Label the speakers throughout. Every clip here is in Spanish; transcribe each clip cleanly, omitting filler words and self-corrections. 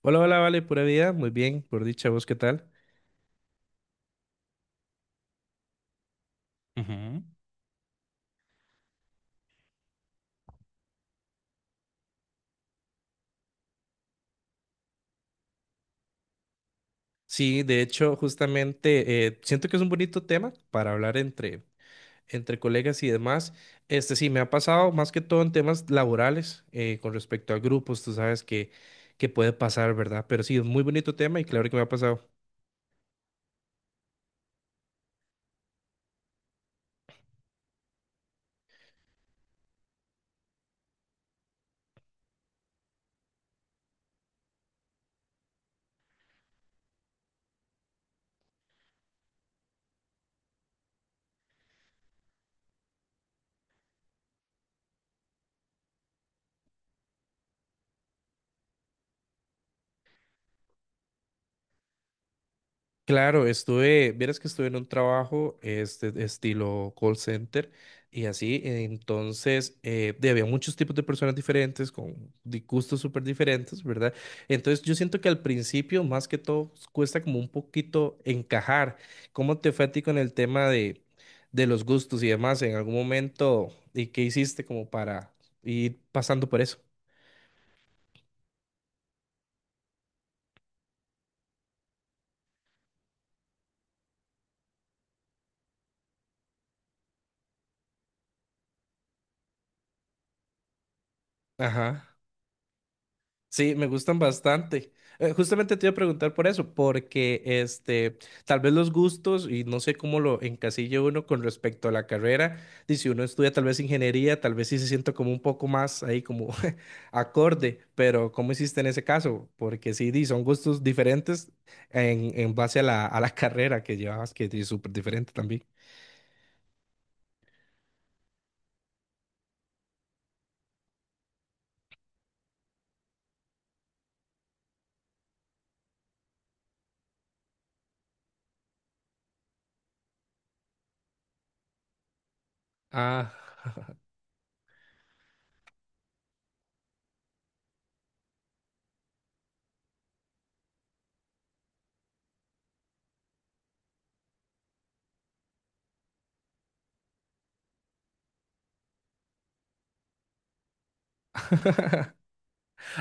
Speaker 1: Hola, hola, vale, pura vida, muy bien, por dicha, ¿vos qué tal? Ujú. Sí, de hecho, justamente siento que es un bonito tema para hablar entre colegas y demás. Este sí, me ha pasado más que todo en temas laborales, con respecto a grupos, tú sabes que puede pasar, ¿verdad? Pero sí, es muy bonito tema y claro que me ha pasado. Claro, estuve, vieras que estuve en un trabajo este estilo call center y así, entonces había muchos tipos de personas diferentes con gustos súper diferentes, ¿verdad? Entonces yo siento que al principio más que todo cuesta como un poquito encajar. ¿Cómo te fue a ti con el tema de los gustos y demás en algún momento y qué hiciste como para ir pasando por eso? Ajá. Sí, me gustan bastante. Justamente te iba a preguntar por eso, porque este, tal vez los gustos, y no sé cómo lo encasilla uno con respecto a la carrera, y si uno estudia tal vez ingeniería, tal vez sí se sienta como un poco más ahí como acorde, pero ¿cómo hiciste en ese caso? Porque sí, di, son gustos diferentes en base a la carrera que llevabas, que es súper diferente también. Ah.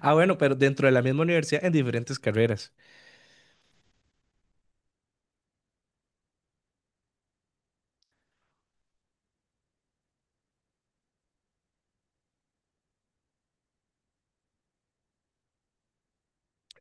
Speaker 1: Ah, bueno, pero dentro de la misma universidad en diferentes carreras.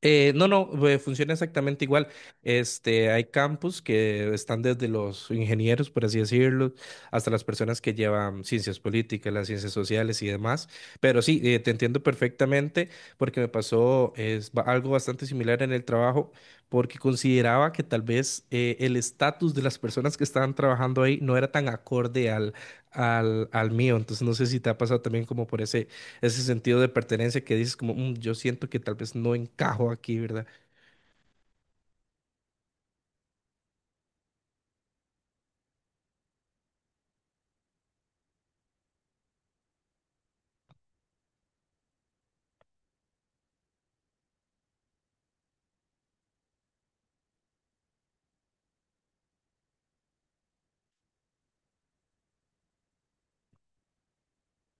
Speaker 1: No, no, Funciona exactamente igual. Este, hay campus que están desde los ingenieros, por así decirlo, hasta las personas que llevan ciencias políticas, las ciencias sociales y demás. Pero sí, te entiendo perfectamente porque me pasó es, algo bastante similar en el trabajo, porque consideraba que tal vez el estatus de las personas que estaban trabajando ahí no era tan acorde al mío. Entonces, no sé si te ha pasado también como por ese sentido de pertenencia que dices como, "Mm, yo siento que tal vez no encajo aquí, ¿verdad?"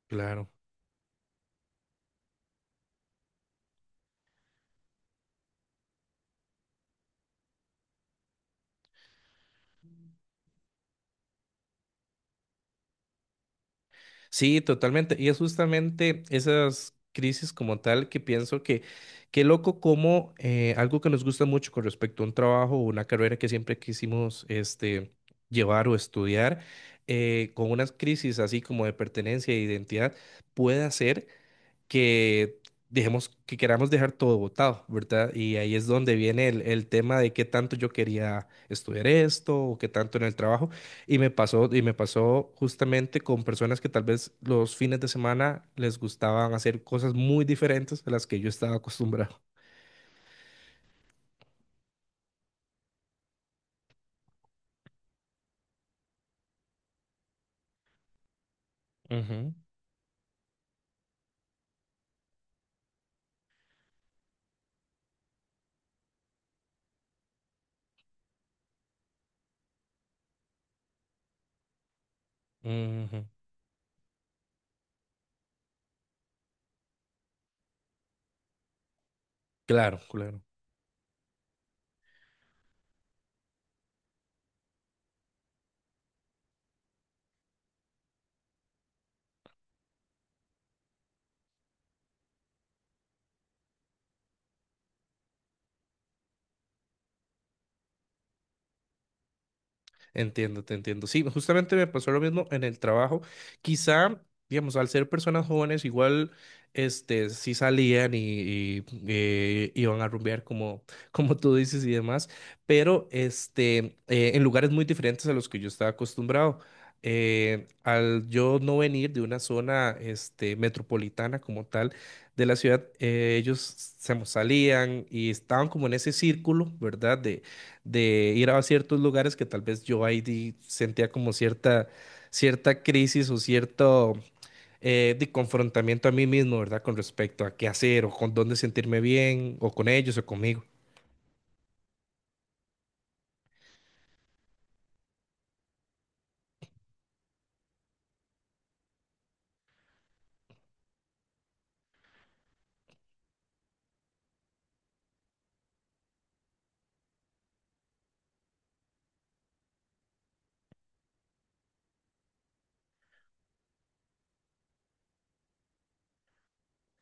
Speaker 1: Claro. Sí, totalmente. Y es justamente esas crisis como tal que pienso que, qué loco como, algo que nos gusta mucho con respecto a un trabajo o una carrera que siempre quisimos este, llevar o estudiar, con unas crisis así como de pertenencia e identidad, puede hacer que dejemos, que queramos dejar todo botado, ¿verdad? Y ahí es donde viene el tema de qué tanto yo quería estudiar esto o qué tanto en el trabajo. Y me pasó justamente con personas que tal vez los fines de semana les gustaban hacer cosas muy diferentes a las que yo estaba acostumbrado. Ujú, ujú. Claro, claro. Entiendo, te entiendo. Sí, justamente me pasó lo mismo en el trabajo. Quizá, digamos, al ser personas jóvenes, igual, este, sí salían y iban a rumbear como, como tú dices y demás, pero, este, en lugares muy diferentes a los que yo estaba acostumbrado. Al yo no venir de una zona, este, metropolitana como tal de la ciudad, ellos se salían y estaban como en ese círculo, ¿verdad?, de ir a ciertos lugares que tal vez yo ahí sentía como cierta crisis o cierto, de confrontamiento a mí mismo, ¿verdad? Con respecto a qué hacer o con dónde sentirme bien o con ellos o conmigo.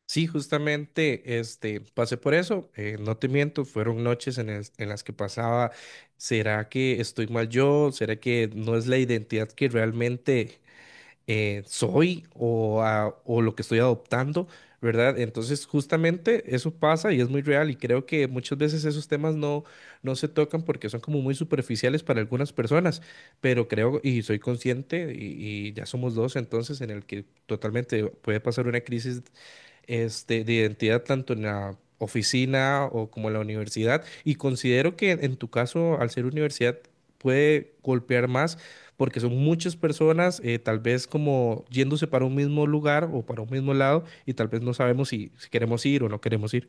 Speaker 1: Sí, justamente, este, pasé por eso, no te miento, fueron noches en las que pasaba, ¿será que estoy mal yo? ¿Será que no es la identidad que realmente soy o, o lo que estoy adoptando, ¿verdad? Entonces, justamente eso pasa y es muy real y creo que muchas veces esos temas no se tocan porque son como muy superficiales para algunas personas, pero creo y soy consciente y ya somos dos entonces en el que totalmente puede pasar una crisis, este, de identidad tanto en la oficina o como en la universidad. Y considero que en tu caso, al ser universidad, puede golpear más porque son muchas personas, tal vez como yéndose para un mismo lugar o para un mismo lado y tal vez no sabemos si queremos ir o no queremos ir.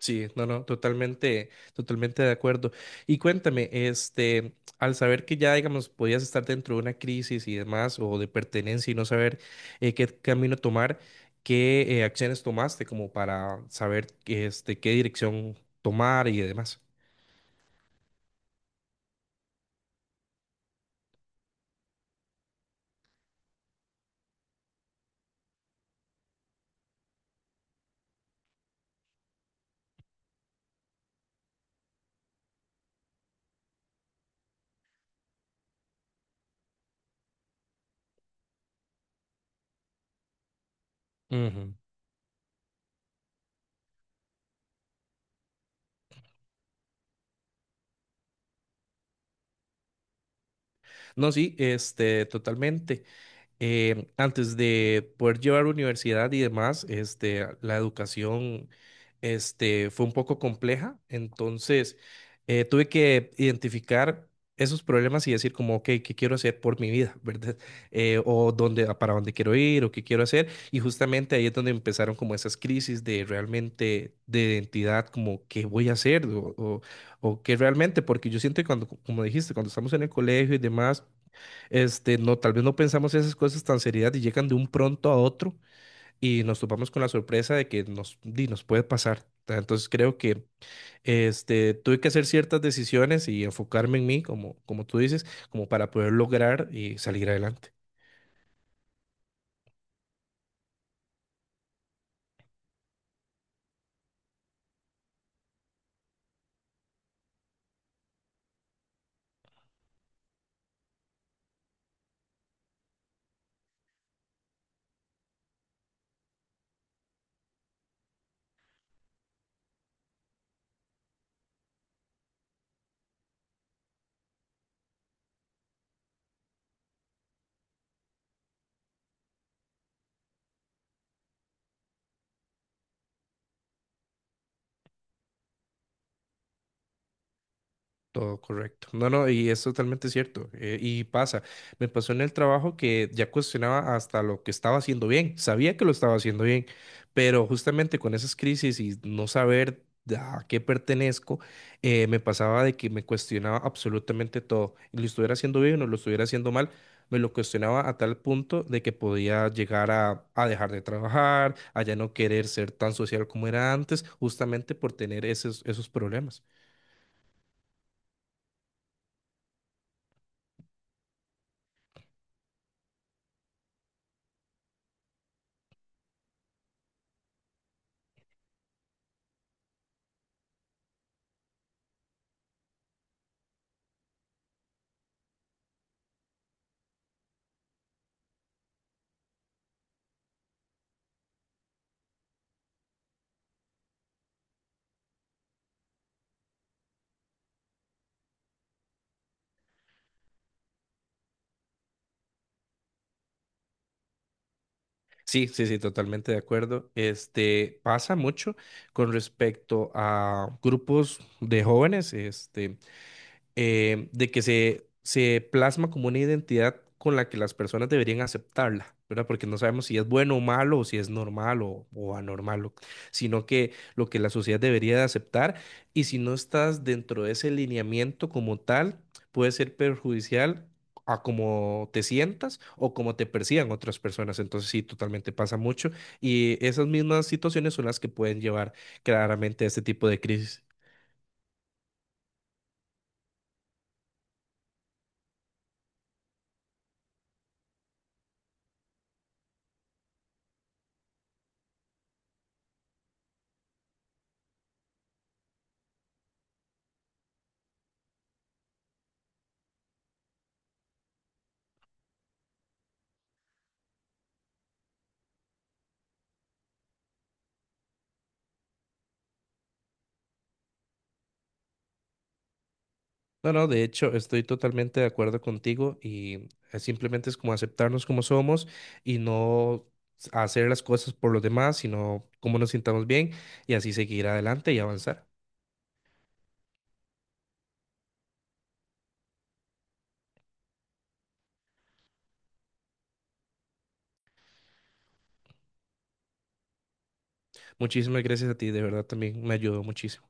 Speaker 1: Sí, no, no, totalmente, totalmente de acuerdo. Y cuéntame, este, al saber que ya, digamos, podías estar dentro de una crisis y demás, o de pertenencia y no saber, qué camino tomar, ¿qué, acciones tomaste como para saber, este, qué dirección tomar y demás? Ujú. No, sí, este, totalmente. Eh, antes de poder llevar universidad y demás, este, la educación, este, fue un poco compleja, entonces, tuve que identificar esos problemas y decir como, ok, ¿qué quiero hacer por mi vida, verdad? O dónde, a para dónde quiero ir o qué quiero hacer. Y justamente ahí es donde empezaron como esas crisis de realmente, de identidad, como qué voy a hacer o qué realmente, porque yo siento que cuando, como dijiste, cuando estamos en el colegio y demás, este, no, tal vez no pensamos esas cosas tan seriedad y llegan de un pronto a otro y nos topamos con la sorpresa de que nos, di, nos puede pasar. Entonces creo que este, tuve que hacer ciertas decisiones y enfocarme en mí, como tú dices, como para poder lograr y salir adelante. Todo correcto. No, no, y es totalmente cierto. Eh, y pasa, me pasó en el trabajo que ya cuestionaba hasta lo que estaba haciendo bien. Sabía que lo estaba haciendo bien, pero justamente con esas crisis y no saber de a qué pertenezco, me pasaba de que me cuestionaba absolutamente todo. Lo estuviera haciendo bien o lo estuviera haciendo mal, me lo cuestionaba a tal punto de que podía llegar a dejar de trabajar, a ya no querer ser tan social como era antes, justamente por tener esos problemas. Sí, sí, sí, totalmente de acuerdo. Este pasa mucho con respecto a grupos de jóvenes, este, de que se plasma como una identidad con la que las personas deberían aceptarla, ¿verdad? Porque no sabemos si es bueno o malo, o si es normal o anormal, o, sino que lo que la sociedad debería de aceptar, y si no estás dentro de ese lineamiento como tal, puede ser perjudicial a cómo te sientas o cómo te perciban otras personas. Entonces sí, totalmente pasa mucho y esas mismas situaciones son las que pueden llevar claramente a este tipo de crisis. No, no, de hecho estoy totalmente de acuerdo contigo y, simplemente es como aceptarnos como somos y no hacer las cosas por los demás, sino cómo nos sintamos bien y así seguir adelante y avanzar. Muchísimas gracias a ti, de verdad también me ayudó muchísimo.